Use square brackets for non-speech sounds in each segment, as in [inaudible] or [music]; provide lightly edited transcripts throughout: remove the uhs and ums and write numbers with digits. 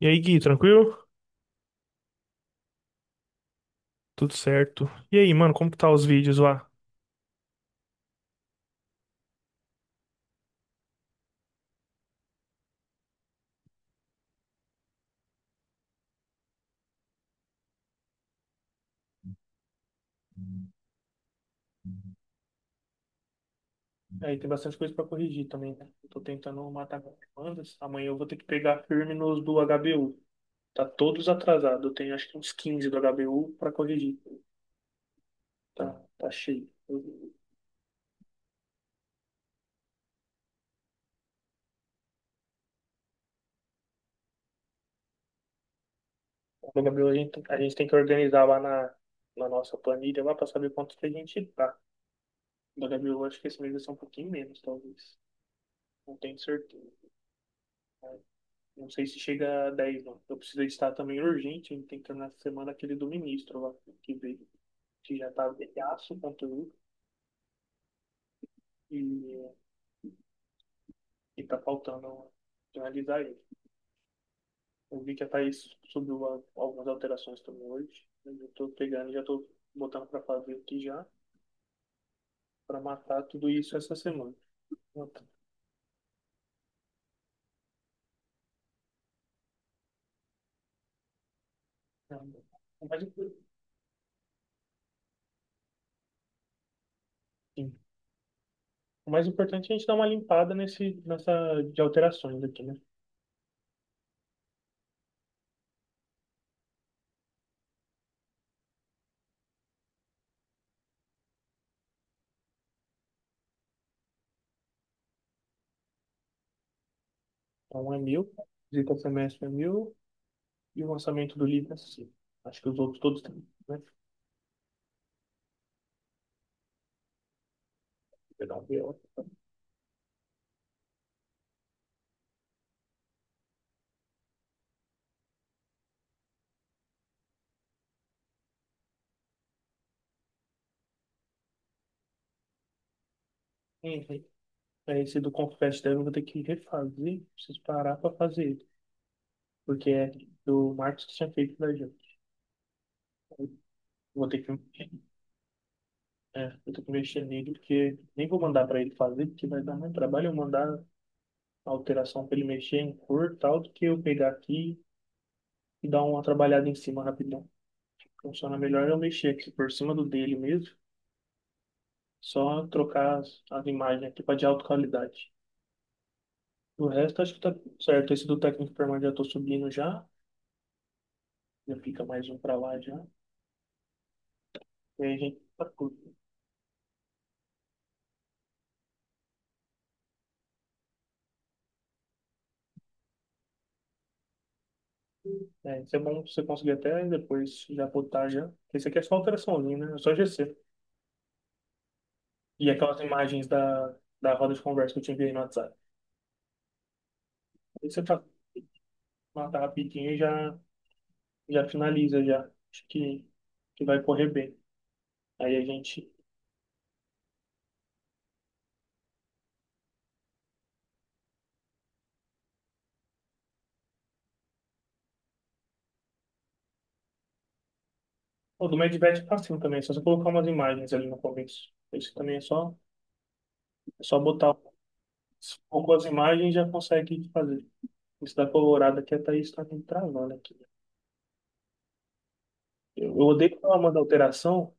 E aí, Gui, tranquilo? Tudo certo. E aí, mano, como que tá os vídeos lá? Aí tem bastante coisa para corrigir também, né? Eu tô tentando matar as demandas. Amanhã eu vou ter que pegar firme nos do HBU. Tá todos atrasados. Eu tenho acho que uns 15 do HBU para corrigir. Tá, tá cheio. O HBU a gente tem que organizar lá na nossa planilha lá para saber quanto que a gente tá. Do HBU acho que esse mês vai ser um pouquinho menos, talvez. Não tenho certeza. Não sei se chega a 10, não. Eu preciso editar também urgente, a gente tem que terminar essa semana aquele do ministro lá, que veio, que já tá velhaço o conteúdo e, e tá faltando finalizar ele. Eu vi que a Thaís subiu algumas alterações também hoje, mas eu tô pegando, e já tô botando pra fazer aqui já, pra matar tudo isso essa semana. Então, é, O mais, impor- sim. O mais importante é a gente dar uma limpada nesse, nessa de alterações aqui, né? Então um é mil, visita semestre é mil. E o lançamento do livro é assim. Acho que os outros todos têm, né? Pedal viola. Uhum. Aí esse do Confete dela eu vou ter que refazer, preciso parar pra fazer ele. Porque é do Marcos que tinha feito da gente. Eu Vou ter que, vou ter que mexer nele, porque nem vou mandar pra ele fazer, porque vai dar mais trabalho eu mandar a alteração pra ele mexer em cor e tal, do que eu pegar aqui e dar uma trabalhada em cima rapidão. Funciona melhor eu mexer aqui por cima do dele mesmo, só trocar as imagens aqui pra de alta qualidade. O resto acho que tá certo. Esse do técnico permanente já tô subindo já. Já fica mais um pra lá já. E aí a gente tá curto. É, isso é bom você conseguir até depois já botar já. Porque isso aqui é só alteraçãozinha, né? É só GC. E aquelas imagens da roda de conversa que eu te enviei no WhatsApp. Aí você tá, mata rapidinho e já finaliza já. Acho que vai correr bem. Aí a gente. O do Medvet é fácil também, é só você colocar umas imagens ali no começo. Isso também é só botar um pouco as imagens e já consegue fazer. Isso da colorada aqui, a Thaís tá me travando aqui. Eu odeio quando ela manda alteração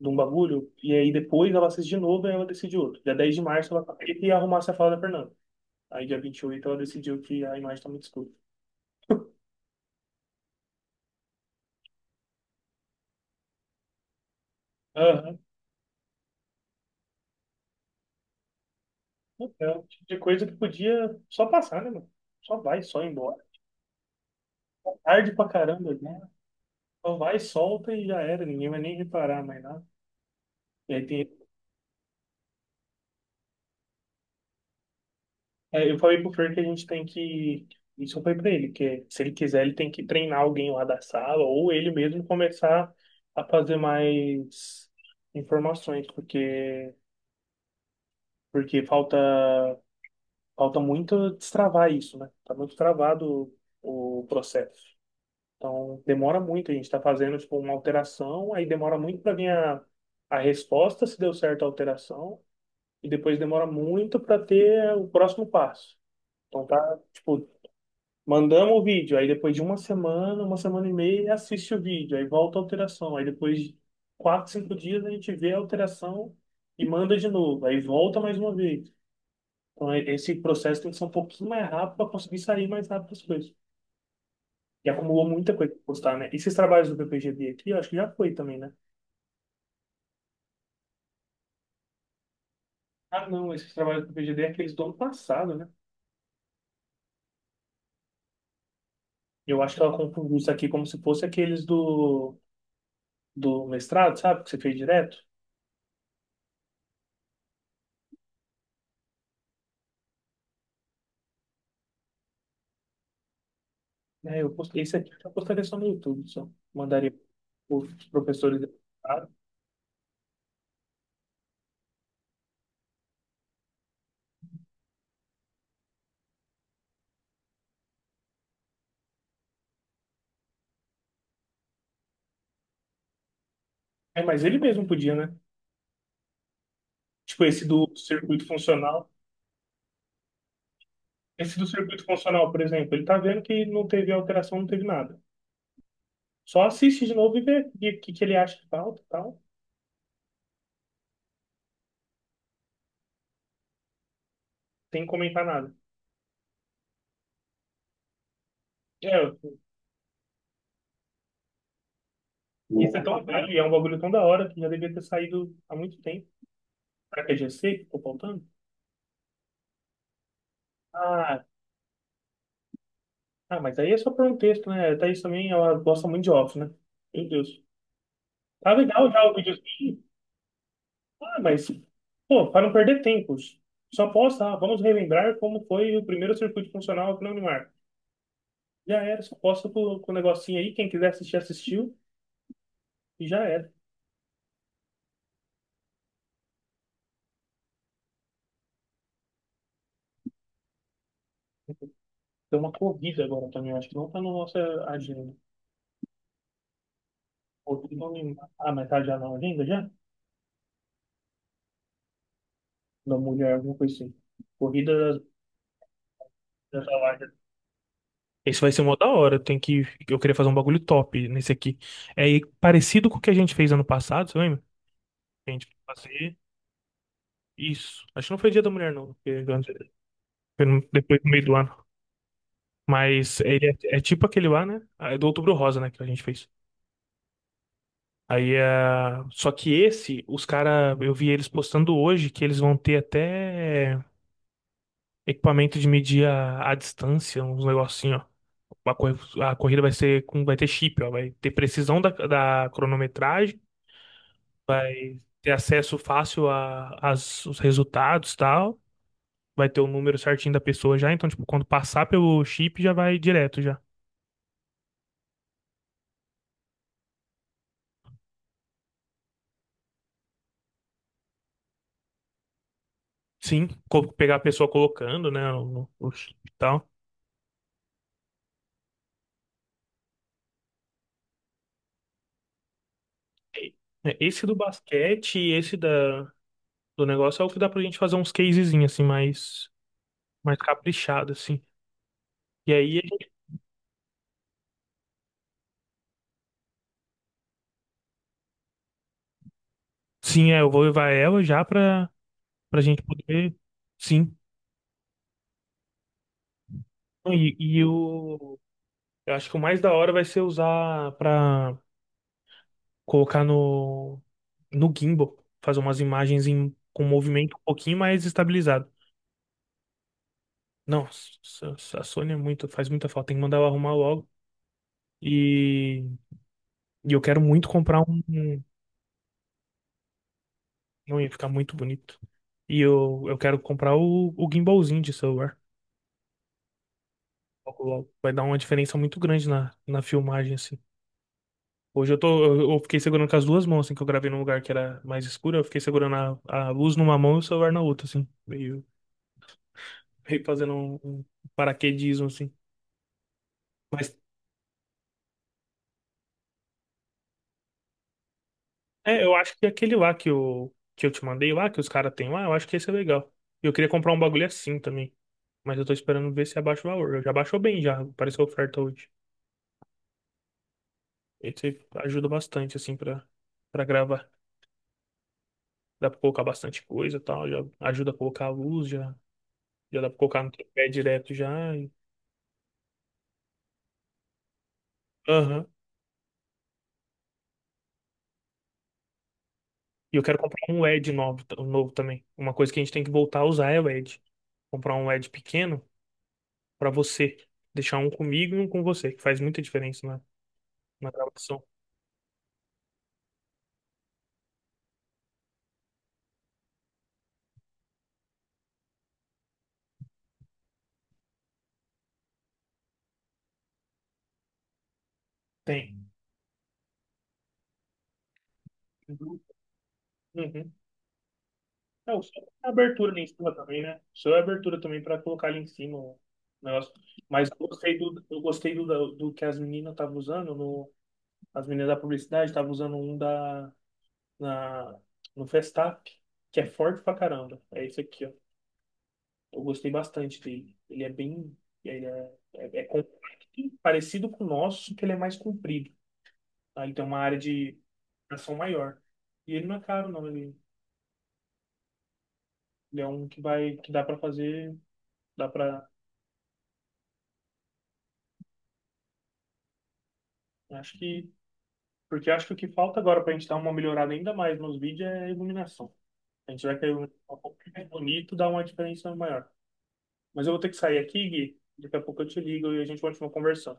de um bagulho, e aí depois ela assiste de novo e ela decide outro. Dia 10 de março ela tem que arrumar essa fala da Fernanda. Aí dia 28 ela decidiu que a imagem tá muito escura. [laughs] Aham. Então, é o tipo de coisa que podia só passar, né, mano? Só vai, só ir embora. Tarde pra caramba, né? Só vai, solta e já era. Ninguém vai nem reparar mais nada. E aí tem. É, eu falei pro Fer que a gente tem que. Isso eu falei pra ele, que se ele quiser, ele tem que treinar alguém lá da sala, ou ele mesmo começar a fazer mais informações, porque, porque falta muito destravar isso, né? Tá muito travado o processo. Então, demora muito, a gente tá fazendo, tipo, uma alteração, aí demora muito para vir a resposta, se deu certo a alteração, e depois demora muito para ter o próximo passo. Então, tá, tipo, mandamos o vídeo, aí depois de uma semana e meia, ele assiste o vídeo, aí volta a alteração. Aí depois de 4, 5 dias a gente vê a alteração e manda de novo, aí volta mais uma vez. Então esse processo tem que ser um pouquinho mais rápido para conseguir sair mais rápido as coisas. E acumulou muita coisa para postar, né? Esses trabalhos do PPGD aqui, eu acho que já foi também, né? Ah, não, esses trabalhos do PPGD é aqueles do ano passado, né? Eu acho que ela confundiu isso aqui como se fosse aqueles do mestrado, sabe? Que você fez direto. É, eu postei isso aqui, eu postaria só no YouTube, só mandaria os professores. É, mas ele mesmo podia, né? Tipo, esse do circuito funcional. Esse do circuito funcional, por exemplo, ele tá vendo que não teve alteração, não teve nada. Só assiste de novo e vê o que, que ele acha que falta e tal. Sem comentar nada. É, isso é tão velho e é um bagulho tão da hora que já devia ter saído há muito tempo. Será que é GC que ficou faltando? Ah, ah, mas aí é só para um texto, né? Thaís também, ela gosta muito de off, né? Meu Deus. Tá legal já o vídeo. Ah, mas, pô, para não perder tempo, só posta, ah, vamos relembrar como foi o primeiro circuito funcional aqui na Unimar. Já era, só posta com o negocinho aí, quem quiser assistir, assistiu, e já era. Tem uma corrida agora também, acho que não tá na nossa agenda. Corrida da Unimar. Ah, mas tá já na agenda já? Da mulher, alguma coisa assim. Corrida das, dessa larga. Isso vai ser uma da hora. Tem que. Eu queria fazer um bagulho top nesse aqui. É parecido com o que a gente fez ano passado, você lembra? Que a gente foi fazer isso. Acho que não foi Dia da Mulher, não, Foi no- depois do meio do ano. Mas ele é tipo aquele lá, né? Ah, é do Outubro Rosa, né? Que a gente fez. Aí é. Só que esse, os cara, eu vi eles postando hoje que eles vão ter até equipamento de medir a distância, uns negocinho, ó. Uma cor- A corrida vai ser com, vai ter chip, ó. Vai ter precisão da cronometragem, vai ter acesso fácil a, as, os resultados e tal. Vai ter o número certinho da pessoa já. Então, tipo, quando passar pelo chip, já vai direto já. Sim, pegar a pessoa colocando, né, no e tal. É, esse do basquete e esse da, do negócio é o que dá pra gente fazer uns casezinhos, assim, mais caprichado, assim. E aí, sim, eu vou levar ela já pra, pra gente poder, sim. E eu acho que o mais da hora vai ser usar pra colocar no gimbal, fazer umas imagens com movimento um pouquinho mais estabilizado. Nossa, a Sônia é muito, faz muita falta, tem que mandar ela arrumar logo. E, e eu quero muito comprar um. Não ia ficar muito bonito. E eu quero comprar o gimbalzinho de celular. Logo, logo. Vai dar uma diferença muito grande na filmagem, assim. Hoje eu tô. Eu fiquei segurando com as duas mãos, assim, que eu gravei num lugar que era mais escuro. Eu fiquei segurando a luz numa mão e o celular na outra, assim. Meio, meio fazendo um paraquedismo, assim. Mas é, eu acho que é aquele lá que eu te mandei lá, que os caras têm lá, eu acho que esse é legal. E eu queria comprar um bagulho assim também. Mas eu tô esperando ver se abaixa o valor. Já baixou bem, já. Apareceu oferta hoje. Esse ajuda bastante, assim, pra gravar. Dá pra colocar bastante coisa e tal. Já ajuda a colocar a luz, já dá pra colocar no tripé direto já. Aham. E eu quero comprar um LED novo, um novo também. Uma coisa que a gente tem que voltar a usar é LED. Comprar um LED pequeno pra você. Deixar um comigo e um com você, que faz muita diferença, né? Uma gravação. Tem. Uhum. Uhum. É, o som é abertura ali em cima também, né? O som é abertura também para colocar ali em cima o negócio. Mas eu gostei do que as meninas estavam usando, no, as meninas da publicidade estavam usando um da, na, no Festap, que é forte pra caramba. É esse aqui, ó. Eu gostei bastante dele. Ele é bem. Ele é compacto, parecido com o nosso, só que ele é mais comprido. Tá? Ele tem uma área de ação maior. E ele não é caro, não. Ele é um que vai, que dá para fazer, dá para, acho que, porque acho que o que falta agora para a gente dar uma melhorada ainda mais nos vídeos é a iluminação. A gente vai querer um pouco mais bonito, dá uma diferença maior. Mas eu vou ter que sair aqui, Gui. Daqui a pouco eu te ligo e a gente continua conversando.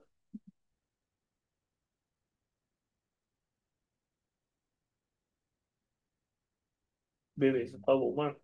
Beleza, falou, mano.